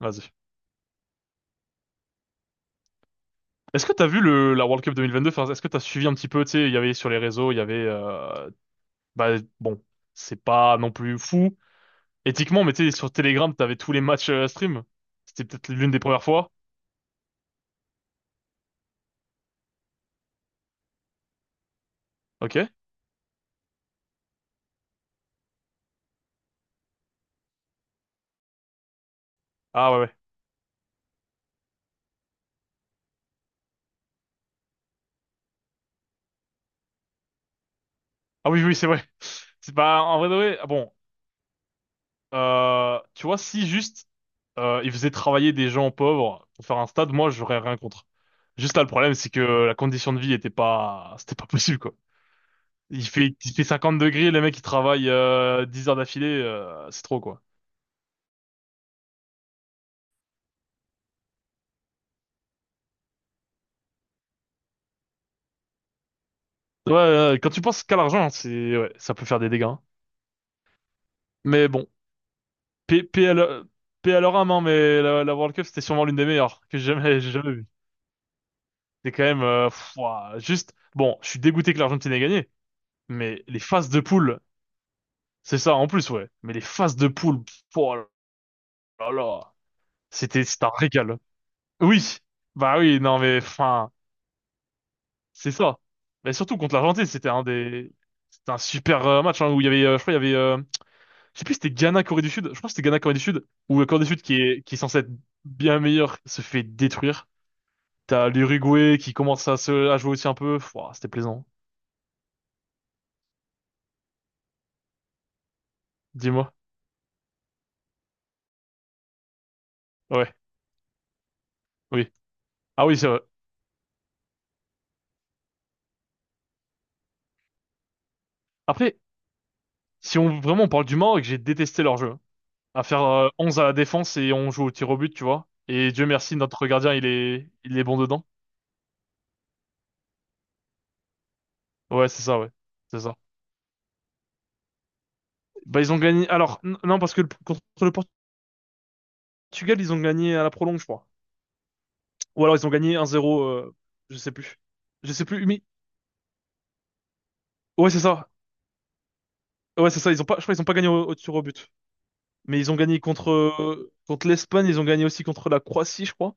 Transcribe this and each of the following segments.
Vas-y. Est-ce que t'as vu le, la World Cup 2022? Enfin, est-ce que t'as suivi un petit peu, tu sais, il y avait sur les réseaux, il y avait, bah, bon, c'est pas non plus fou, éthiquement, mais tu sais, sur Telegram, t'avais tous les matchs stream. C'était peut-être l'une des premières fois. Ok. Ah ouais, ouais. Ah oui, oui, c'est vrai. C'est pas, en vrai, de vrai, ah bon, tu vois, si juste, ils faisaient travailler des gens pauvres pour faire un stade, moi, j'aurais rien contre. Juste là, le problème, c'est que la condition de vie était pas, c'était pas possible, quoi. Il fait 50 degrés, le mec il travaille 10 heures d'affilée, c'est trop quoi. Ouais, quand tu penses qu'à l'argent, c'est ouais, ça peut faire des dégâts, hein. Mais bon, PL, PL, leur paix à leur âme, hein, mais la World Cup c'était sûrement l'une des meilleures que j'ai jamais, j'ai jamais vue. C'est quand même pff, ouah, juste. Bon, je suis dégoûté que l'Argentine ait gagné, mais les phases de poule, c'est ça en plus, ouais. Mais les phases de poule, pff, oh là là, c'était un régal. Oui, bah oui, non mais enfin. C'est ça. Mais surtout contre l'Argentine, c'était un super match hein, où il y avait, je crois, il y avait, je sais plus, si c'était Ghana Corée du Sud. Je crois que c'était Ghana Corée du Sud où Corée du Sud qui est censé être bien meilleur se fait détruire. T'as l'Uruguay qui commence à jouer aussi un peu. Pouah, c'était plaisant. Dis-moi. Ouais. Oui. Ah oui, c'est vrai. Après, si on vraiment on parle du Maroc, j'ai détesté leur jeu, hein. À faire 11 à la défense et on joue au tir au but, tu vois. Et Dieu merci, notre gardien, il est bon dedans. Ouais, c'est ça, ouais. C'est ça. Bah, ils ont gagné. Alors, non, parce que contre le Portugal, ils ont gagné à la prolonge, je crois. Ou alors, ils ont gagné un zéro, je sais plus. Je sais plus, mais. Ouais, c'est ça. Ouais, c'est ça. Ils ont pas, je crois qu'ils ont pas gagné au tir au but. Mais ils ont gagné contre, contre l'Espagne, ils ont gagné aussi contre la Croatie, je crois.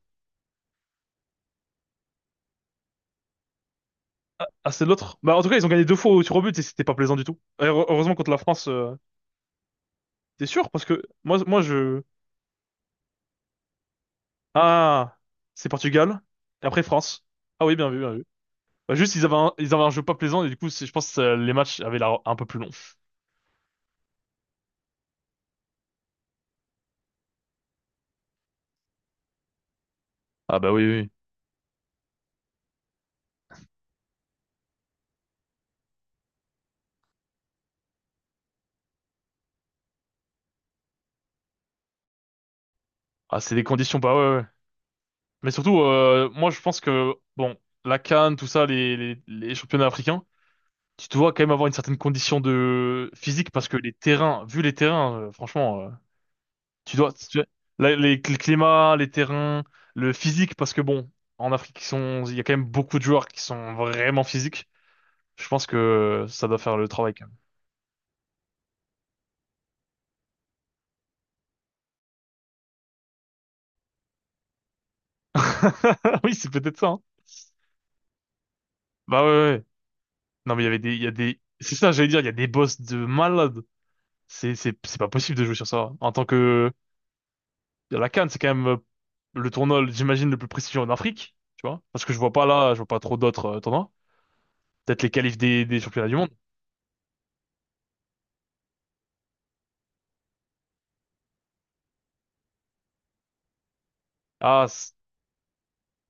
Ah, c'est l'autre. Bah, en tout cas, ils ont gagné deux fois au tir au but et c'était pas plaisant du tout. Et heureusement, contre la France, t'es sûr? Parce que moi, je. Ah, c'est Portugal. Et après, France. Ah oui, bien vu, bien vu. Bah, juste, ils avaient un jeu pas plaisant et du coup, je pense que les matchs avaient l'air un peu plus longs. Ah bah oui, oui, oui. Ah, c'est des conditions, bah ouais, ouais. Mais surtout, moi je pense que, bon, la CAN, tout ça, les championnats africains, tu dois quand même avoir une certaine condition de physique parce que les terrains, vu les terrains, franchement, tu dois, tu- la- les, le climat, les terrains, le physique, parce que bon, en Afrique, il y a quand même beaucoup de joueurs qui sont vraiment physiques. Je pense que ça doit faire le travail quand même. Oui, c'est peut-être ça, hein. Bah ouais, ouais, ouais. Non mais il y a des, c'est ça, j'allais dire, il y a des boss de malades. C'est pas possible de jouer sur ça. En tant que, la CAN, c'est quand même le tournoi, j'imagine, le plus prestigieux en Afrique, tu vois. Parce que je vois pas là, je vois pas trop d'autres tournois. Peut-être les qualifs des championnats du monde. Ah,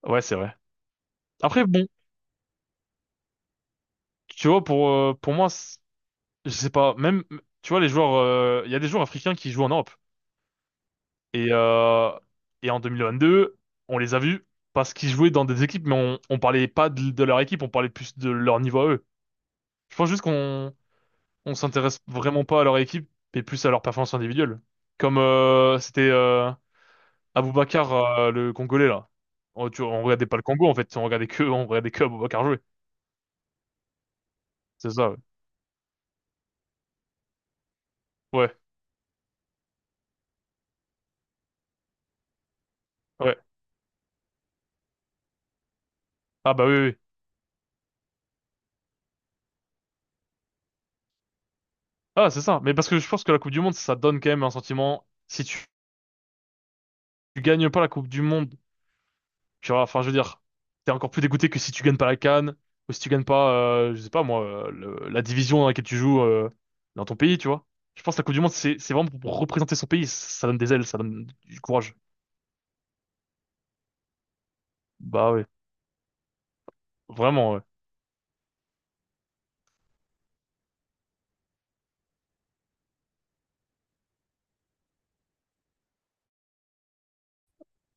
ouais, c'est vrai. Après, bon, tu vois, pour moi, je sais pas, même, tu vois, les joueurs, il y a des joueurs africains qui jouent en Europe. Et, euh, et en 2022, on les a vus parce qu'ils jouaient dans des équipes, mais on parlait pas de leur équipe, on parlait plus de leur niveau à eux. Je pense juste qu'on on s'intéresse vraiment pas à leur équipe, mais plus à leur performance individuelle. Comme c'était Aboubacar, le Congolais là. On regardait pas le Congo en fait, on regardait que Aboubacar jouer. C'est ça. Ouais. Ouais, ouais. Ah bah oui, oui, oui. Ah c'est ça. Mais parce que je pense que la Coupe du Monde, ça donne quand même un sentiment. Si tu, Tu gagnes pas la Coupe du Monde. Tu vois, enfin, je veux dire, t'es encore plus dégoûté que si tu gagnes pas la CAN, ou si tu gagnes pas, je sais pas moi, la division dans laquelle tu joues dans ton pays, tu vois. Je pense que la Coupe du Monde, c'est vraiment pour représenter son pays. Ça donne des ailes, ça donne du courage. Bah ouais, vraiment, ouais.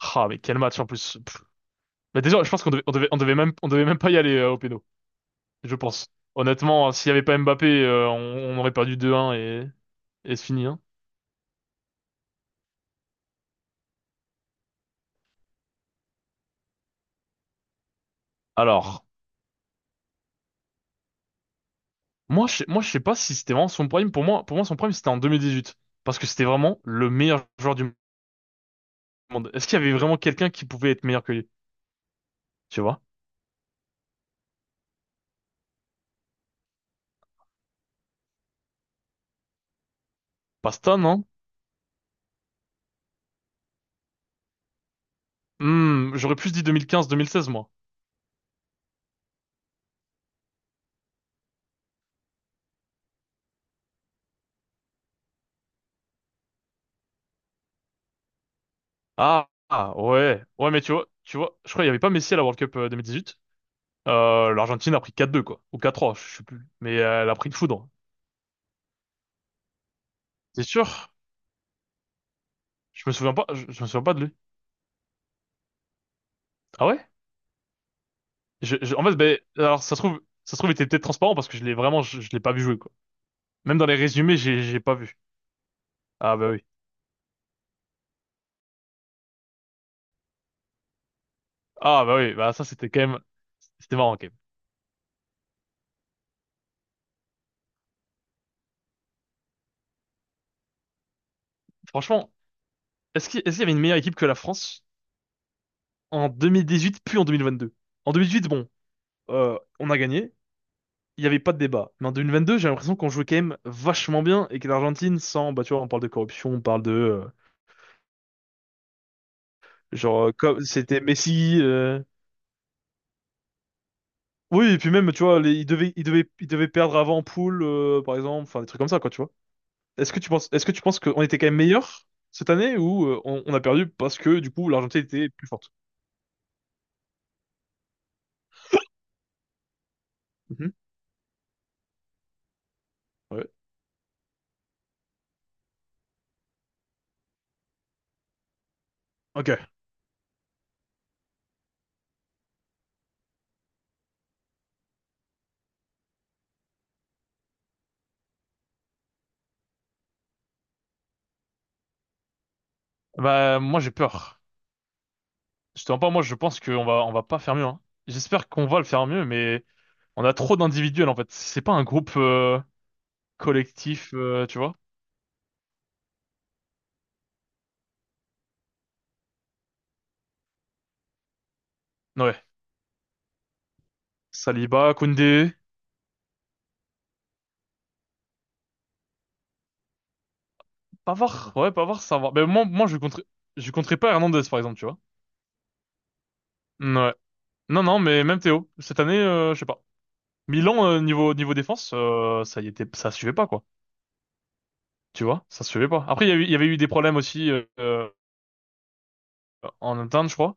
Ah, mais quel match en plus. Pff. Mais déjà, je pense qu'on devait, on devait, on devait même pas y aller au péno, je pense. Honnêtement, hein, s'il y avait pas Mbappé, on aurait perdu 2-1 et c'est fini, hein. Alors. Moi, je sais pas si c'était vraiment son prime. Pour moi, son prime, c'était en 2018. Parce que c'était vraiment le meilleur joueur du monde. Est-ce qu'il y avait vraiment quelqu'un qui pouvait être meilleur que lui? Tu vois? Pasta, non? Hmm, j'aurais plus dit 2015-2016, moi. Ah, ah, ouais. Ouais, mais tu vois, je crois qu'il y avait pas Messi à la World Cup 2018. l'Argentine a pris 4-2, quoi. Ou 4-3, je sais plus. Mais elle a pris de foudre. C'est sûr? Je me souviens pas de lui. Ah ouais? En fait, ben, alors, ça se trouve, il était peut-être transparent parce que je l'ai pas vu jouer, quoi. Même dans les résumés, j'ai pas vu. Ah bah oui. Ah bah oui, bah ça c'était quand même... C'était marrant quand même. Franchement, est-ce qu'il y avait une meilleure équipe que la France en 2018, puis en 2022? En 2018, bon, on a gagné, il n'y avait pas de débat. Mais en 2022, j'ai l'impression qu'on jouait quand même vachement bien et que l'Argentine, sans... Bah tu vois, on parle de corruption, on parle de... genre, comme c'était Messi... Oui, et puis même, tu vois, ils devaient perdre avant en poule, par exemple, enfin des trucs comme ça, quoi, tu vois. Est-ce que tu penses qu'on était quand même meilleur cette année ou on a perdu parce que du coup l'Argentine était plus forte? Mhm. Ouais. Ok. Bah, moi, j'ai peur. Je te mens pas, moi, je pense on va pas faire mieux, hein. J'espère qu'on va le faire mieux, mais on a trop d'individuels, en fait. C'est pas un groupe, collectif, tu vois? Ouais. Saliba, Koundé, Pavard. Ouais, Pavard, ça va. Mais moi, je compterais pas Hernandez, par exemple, tu vois? Ouais. Non, non, mais même Théo. Cette année, je sais pas. Milan, niveau défense, ça y était, ça suivait pas, quoi. Tu vois? Ça suivait pas. Après, il y avait eu des problèmes aussi, en interne, je crois.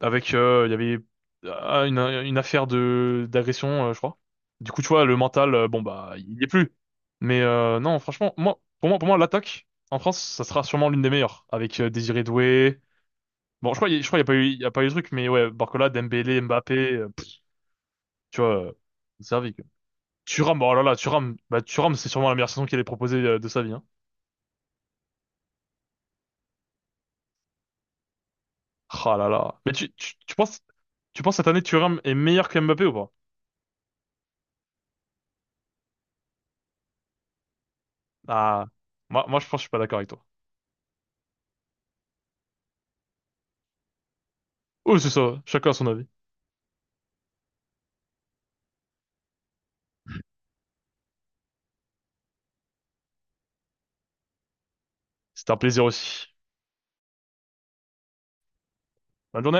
Avec il y avait ah, une affaire de d'agression, je crois. Du coup, tu vois, le mental, bon bah, il y est plus. Mais non, franchement, pour moi, l'attaque en France, ça sera sûrement l'une des meilleures, avec Désiré Doué. Bon, je crois, il- y a- je crois, il y a pas eu, il y a pas eu de truc, mais ouais, Barcola, Dembélé, Mbappé, pff, tu vois, c'est servi. Quoi. Thuram, oh là là, Thuram, c'est sûrement la meilleure saison qu'il ait proposée de sa vie. Hein. Ah là là. Mais tu penses cette année Thuram est meilleur que Mbappé ou pas? Ah, moi, moi, je pense, que je suis pas d'accord avec toi. Oui, c'est ça. Chacun a son avis. C'était un plaisir aussi. Bonne journée.